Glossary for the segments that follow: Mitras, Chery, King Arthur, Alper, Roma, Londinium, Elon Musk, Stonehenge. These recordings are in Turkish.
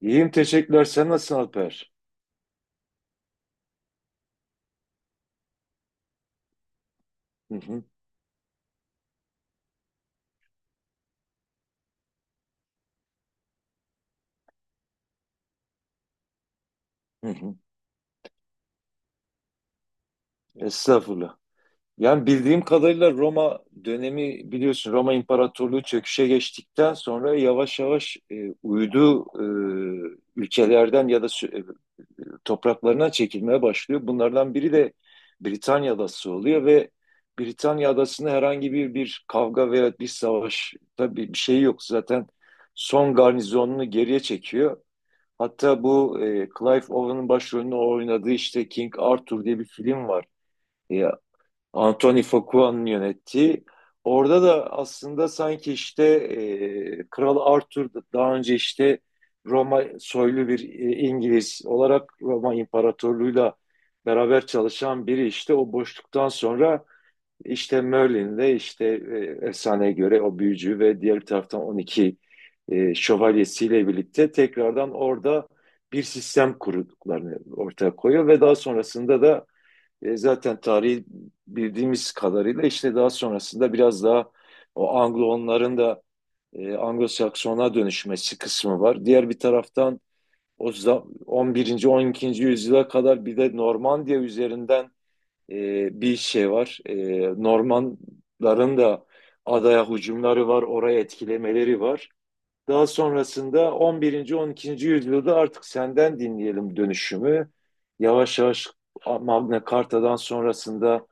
İyiyim, teşekkürler. Sen nasılsın, Alper? Hı hı, hı hı. Estağfurullah. Yani bildiğim kadarıyla Roma dönemi, biliyorsun, Roma İmparatorluğu çöküşe geçtikten sonra yavaş yavaş uydu ülkelerden ya da topraklarına çekilmeye başlıyor. Bunlardan biri de Britanya Adası oluyor ve Britanya Adası'nda herhangi bir kavga veya bir savaş, tabii bir şey yok. Zaten son garnizonunu geriye çekiyor. Hatta bu Clive Owen'ın başrolünü oynadığı, işte King Arthur diye bir film var. E, Anthony Fuqua'nın yönettiği. Orada da aslında sanki işte Kral daha önce işte Roma soylu bir İngiliz olarak Roma İmparatorluğu'yla beraber çalışan biri, işte o boşluktan sonra işte Merlin'de işte efsaneye göre o büyücü ve diğer bir taraftan 12 şövalyesiyle birlikte tekrardan orada bir sistem kurduklarını ortaya koyuyor ve daha sonrasında da zaten tarihi bildiğimiz kadarıyla işte daha sonrasında biraz daha o Anglo-onların da Anglo-Sakson'a dönüşmesi kısmı var. Diğer bir taraftan 11. 12. yüzyıla kadar bir de Normandiya üzerinden bir şey var. Normanların da adaya hücumları var, oraya etkilemeleri var. Daha sonrasında on birinci, on ikinci yüzyılda artık senden dinleyelim dönüşümü. Yavaş yavaş Magna Carta'dan sonrasında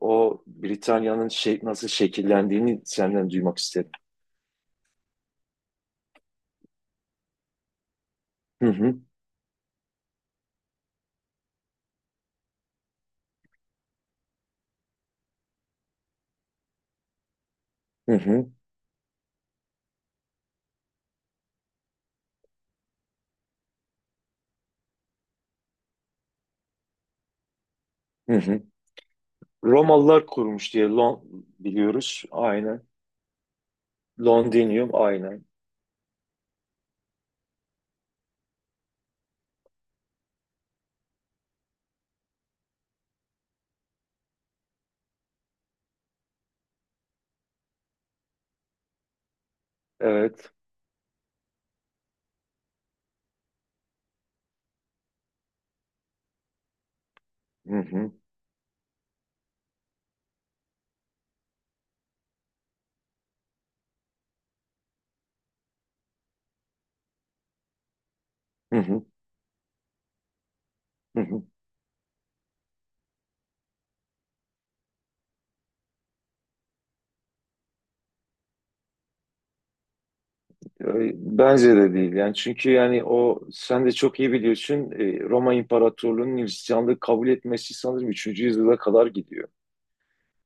o Britanya'nın şey, nasıl şekillendiğini senden duymak isterim. Hı hı, hı hı, hı hı. Romalılar kurmuş diye Lon biliyoruz. Aynen. Londinium, aynen. Evet. Hı hı, hı hı, hı hı. Bence de değil yani, çünkü yani o, sen de çok iyi biliyorsun, Roma İmparatorluğu'nun Hristiyanlığı kabul etmesi sanırım üçüncü yüzyıla kadar gidiyor.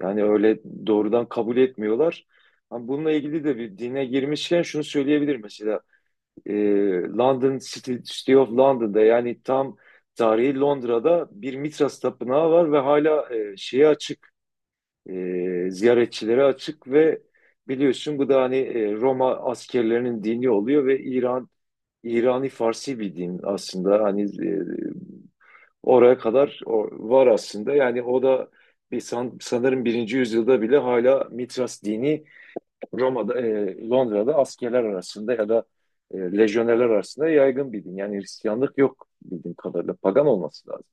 Yani öyle doğrudan kabul etmiyorlar. Ama bununla ilgili de, bir dine girmişken şunu söyleyebilirim mesela, e, London City, City of London'da, yani tam tarihi Londra'da bir Mitras tapınağı var ve hala şeye açık, ziyaretçilere açık. Ve biliyorsun, bu da hani Roma askerlerinin dini oluyor ve İran, İrani Farsi bir din aslında. Hani oraya kadar var aslında. Yani o da bir sanırım birinci yüzyılda bile hala Mitras dini Roma'da, Londra'da askerler arasında ya da lejyonerler arasında yaygın bir din. Yani Hristiyanlık yok bildiğim kadarıyla, pagan olması lazım.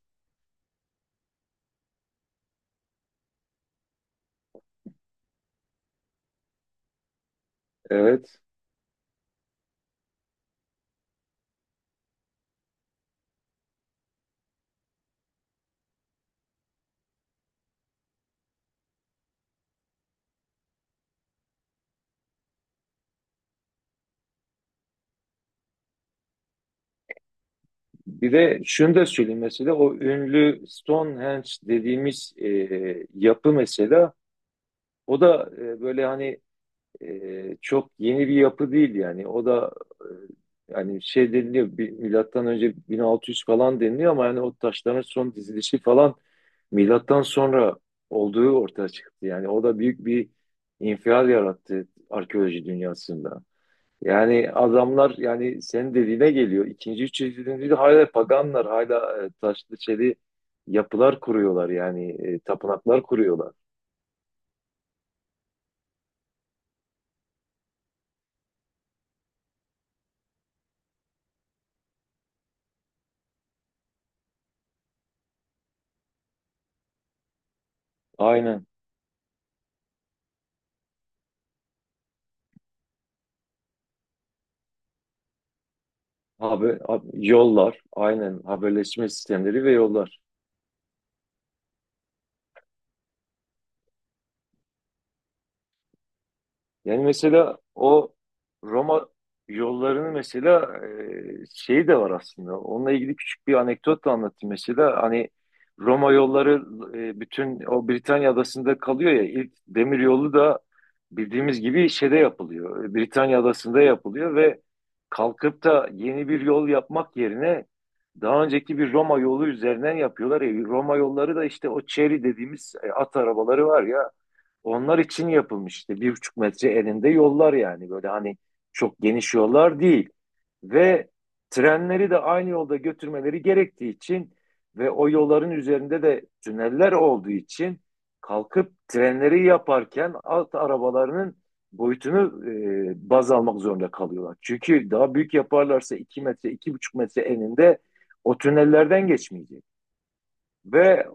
Evet. Bir de şunu da söyleyeyim mesela, o ünlü Stonehenge dediğimiz yapı mesela, o da böyle hani çok yeni bir yapı değil. Yani o da hani şey deniliyor, milattan önce 1600 falan deniliyor, ama yani o taşların son dizilişi falan milattan sonra olduğu ortaya çıktı. Yani o da büyük bir infial yarattı arkeoloji dünyasında. Yani adamlar, yani senin dediğine geliyor. İkinci, üçüncü yüzyılda hala paganlar, hala taşlı çeli yapılar kuruyorlar, yani tapınaklar kuruyorlar. Aynen. Haber, yollar, aynen, haberleşme sistemleri ve yollar. Yani mesela o Roma yollarını mesela şeyi de var aslında. Onunla ilgili küçük bir anekdot da anlatayım mesela. Hani Roma yolları bütün o Britanya adasında kalıyor ya. İlk demir yolu da bildiğimiz gibi şeyde yapılıyor, Britanya adasında yapılıyor. Ve kalkıp da yeni bir yol yapmak yerine daha önceki bir Roma yolu üzerinden yapıyorlar. E, Roma yolları da işte o çeri dediğimiz at arabaları var ya. Onlar için yapılmış işte bir buçuk metre eninde yollar, yani böyle hani çok geniş yollar değil. Ve trenleri de aynı yolda götürmeleri gerektiği için ve o yolların üzerinde de tüneller olduğu için, kalkıp trenleri yaparken alt arabalarının boyutunu baz almak zorunda kalıyorlar. Çünkü daha büyük yaparlarsa iki metre, iki buçuk metre eninde o tünellerden geçmeyecek. Ve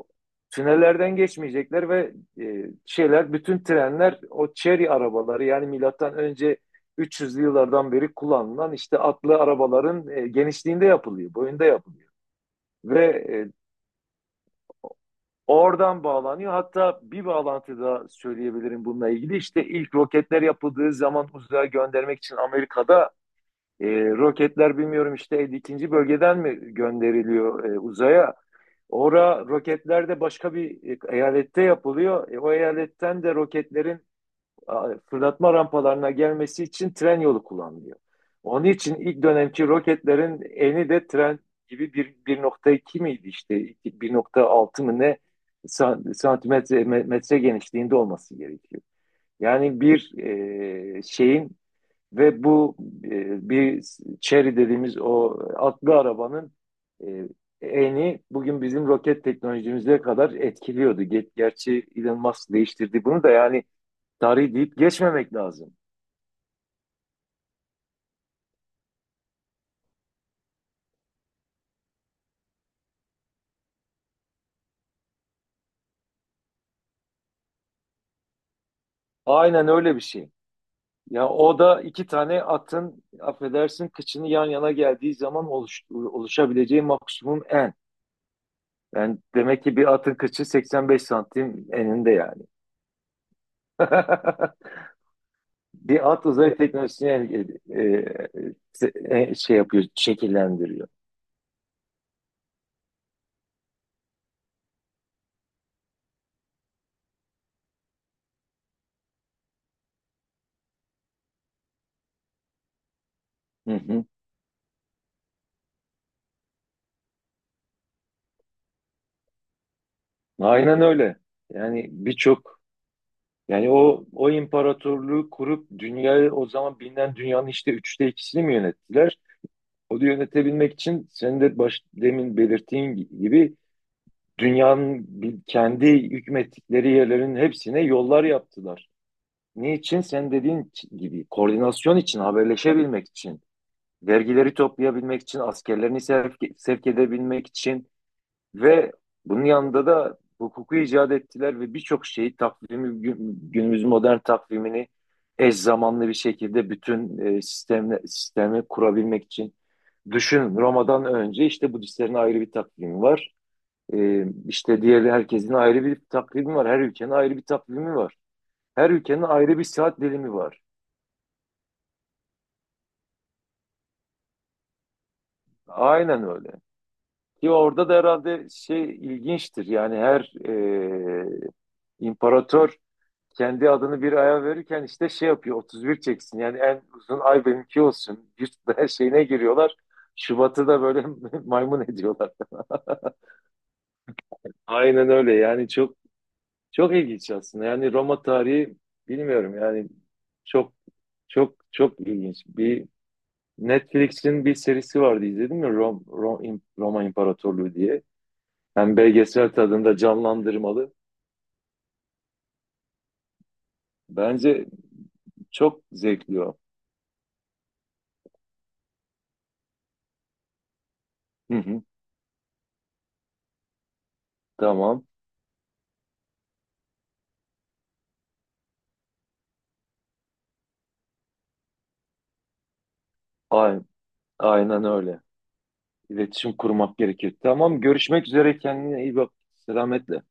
tünellerden geçmeyecekler ve şeyler, bütün trenler o Chery arabaları, yani milattan önce 300'lü yıllardan beri kullanılan işte atlı arabaların genişliğinde yapılıyor, boyunda yapılıyor. Ve oradan bağlanıyor. Hatta bir bağlantı da söyleyebilirim bununla ilgili. İşte ilk roketler yapıldığı zaman uzaya göndermek için Amerika'da roketler, bilmiyorum işte elli ikinci bölgeden mi gönderiliyor uzaya? Ora roketler de başka bir eyalette yapılıyor. E, o eyaletten de roketlerin fırlatma rampalarına gelmesi için tren yolu kullanılıyor. Onun için ilk dönemki roketlerin eni de tren gibi bir 1.2 miydi işte, bir nokta altı mı ne, santimetre metre genişliğinde olması gerekiyor. Yani bir şeyin ve bu bir Chery dediğimiz o atlı arabanın e, eni bugün bizim roket teknolojimize kadar etkiliyordu. Gerçi Elon Musk değiştirdi bunu da, yani tarih deyip geçmemek lazım. Aynen, öyle bir şey. Ya o da iki tane atın, affedersin, kıçını yan yana geldiği zaman oluşabileceği maksimum en. Yani demek ki bir atın kıçı 85 santim eninde yani. bir alt uzay teknolojisini şey yapıyor, şekillendiriyor. Hı hı. Aynen öyle. Yani birçok, yani o imparatorluğu kurup dünyayı, o zaman bilinen dünyanın işte üçte ikisini mi yönettiler? O da yönetebilmek için, senin de baş, demin belirttiğin gibi, dünyanın kendi hükmettikleri yerlerin hepsine yollar yaptılar. Niçin? Sen dediğin gibi koordinasyon için, haberleşebilmek için, vergileri toplayabilmek için, askerlerini sevk edebilmek için. Ve bunun yanında da hukuku icat ettiler ve birçok şeyi, takvimi, günümüz modern takvimini eş zamanlı bir şekilde bütün sistemi kurabilmek için. Düşün, Roma'dan önce işte Budistlerin ayrı bir takvimi var. E, işte diğer herkesin ayrı bir takvimi var. Her ülkenin ayrı bir takvimi var. Her ülkenin ayrı bir saat dilimi var. Aynen öyle. Ki orada da herhalde şey ilginçtir. Yani her imparator kendi adını bir aya verirken işte şey yapıyor, 31 çeksin. Yani en uzun ay benimki olsun. Bir her şeyine giriyorlar. Şubat'ı da böyle maymun ediyorlar. Aynen öyle. Yani çok çok ilginç aslında. Yani Roma tarihi, bilmiyorum yani, çok çok ilginç. Bir Netflix'in bir serisi vardı, izledin mi? Roma İmparatorluğu diye. Hem belgesel tadında, canlandırmalı. Bence çok zevkli o. Hı hı, tamam. Aynen, aynen öyle. İletişim kurmak gerekir. Tamam, görüşmek üzere. Kendine iyi bak. Selametle.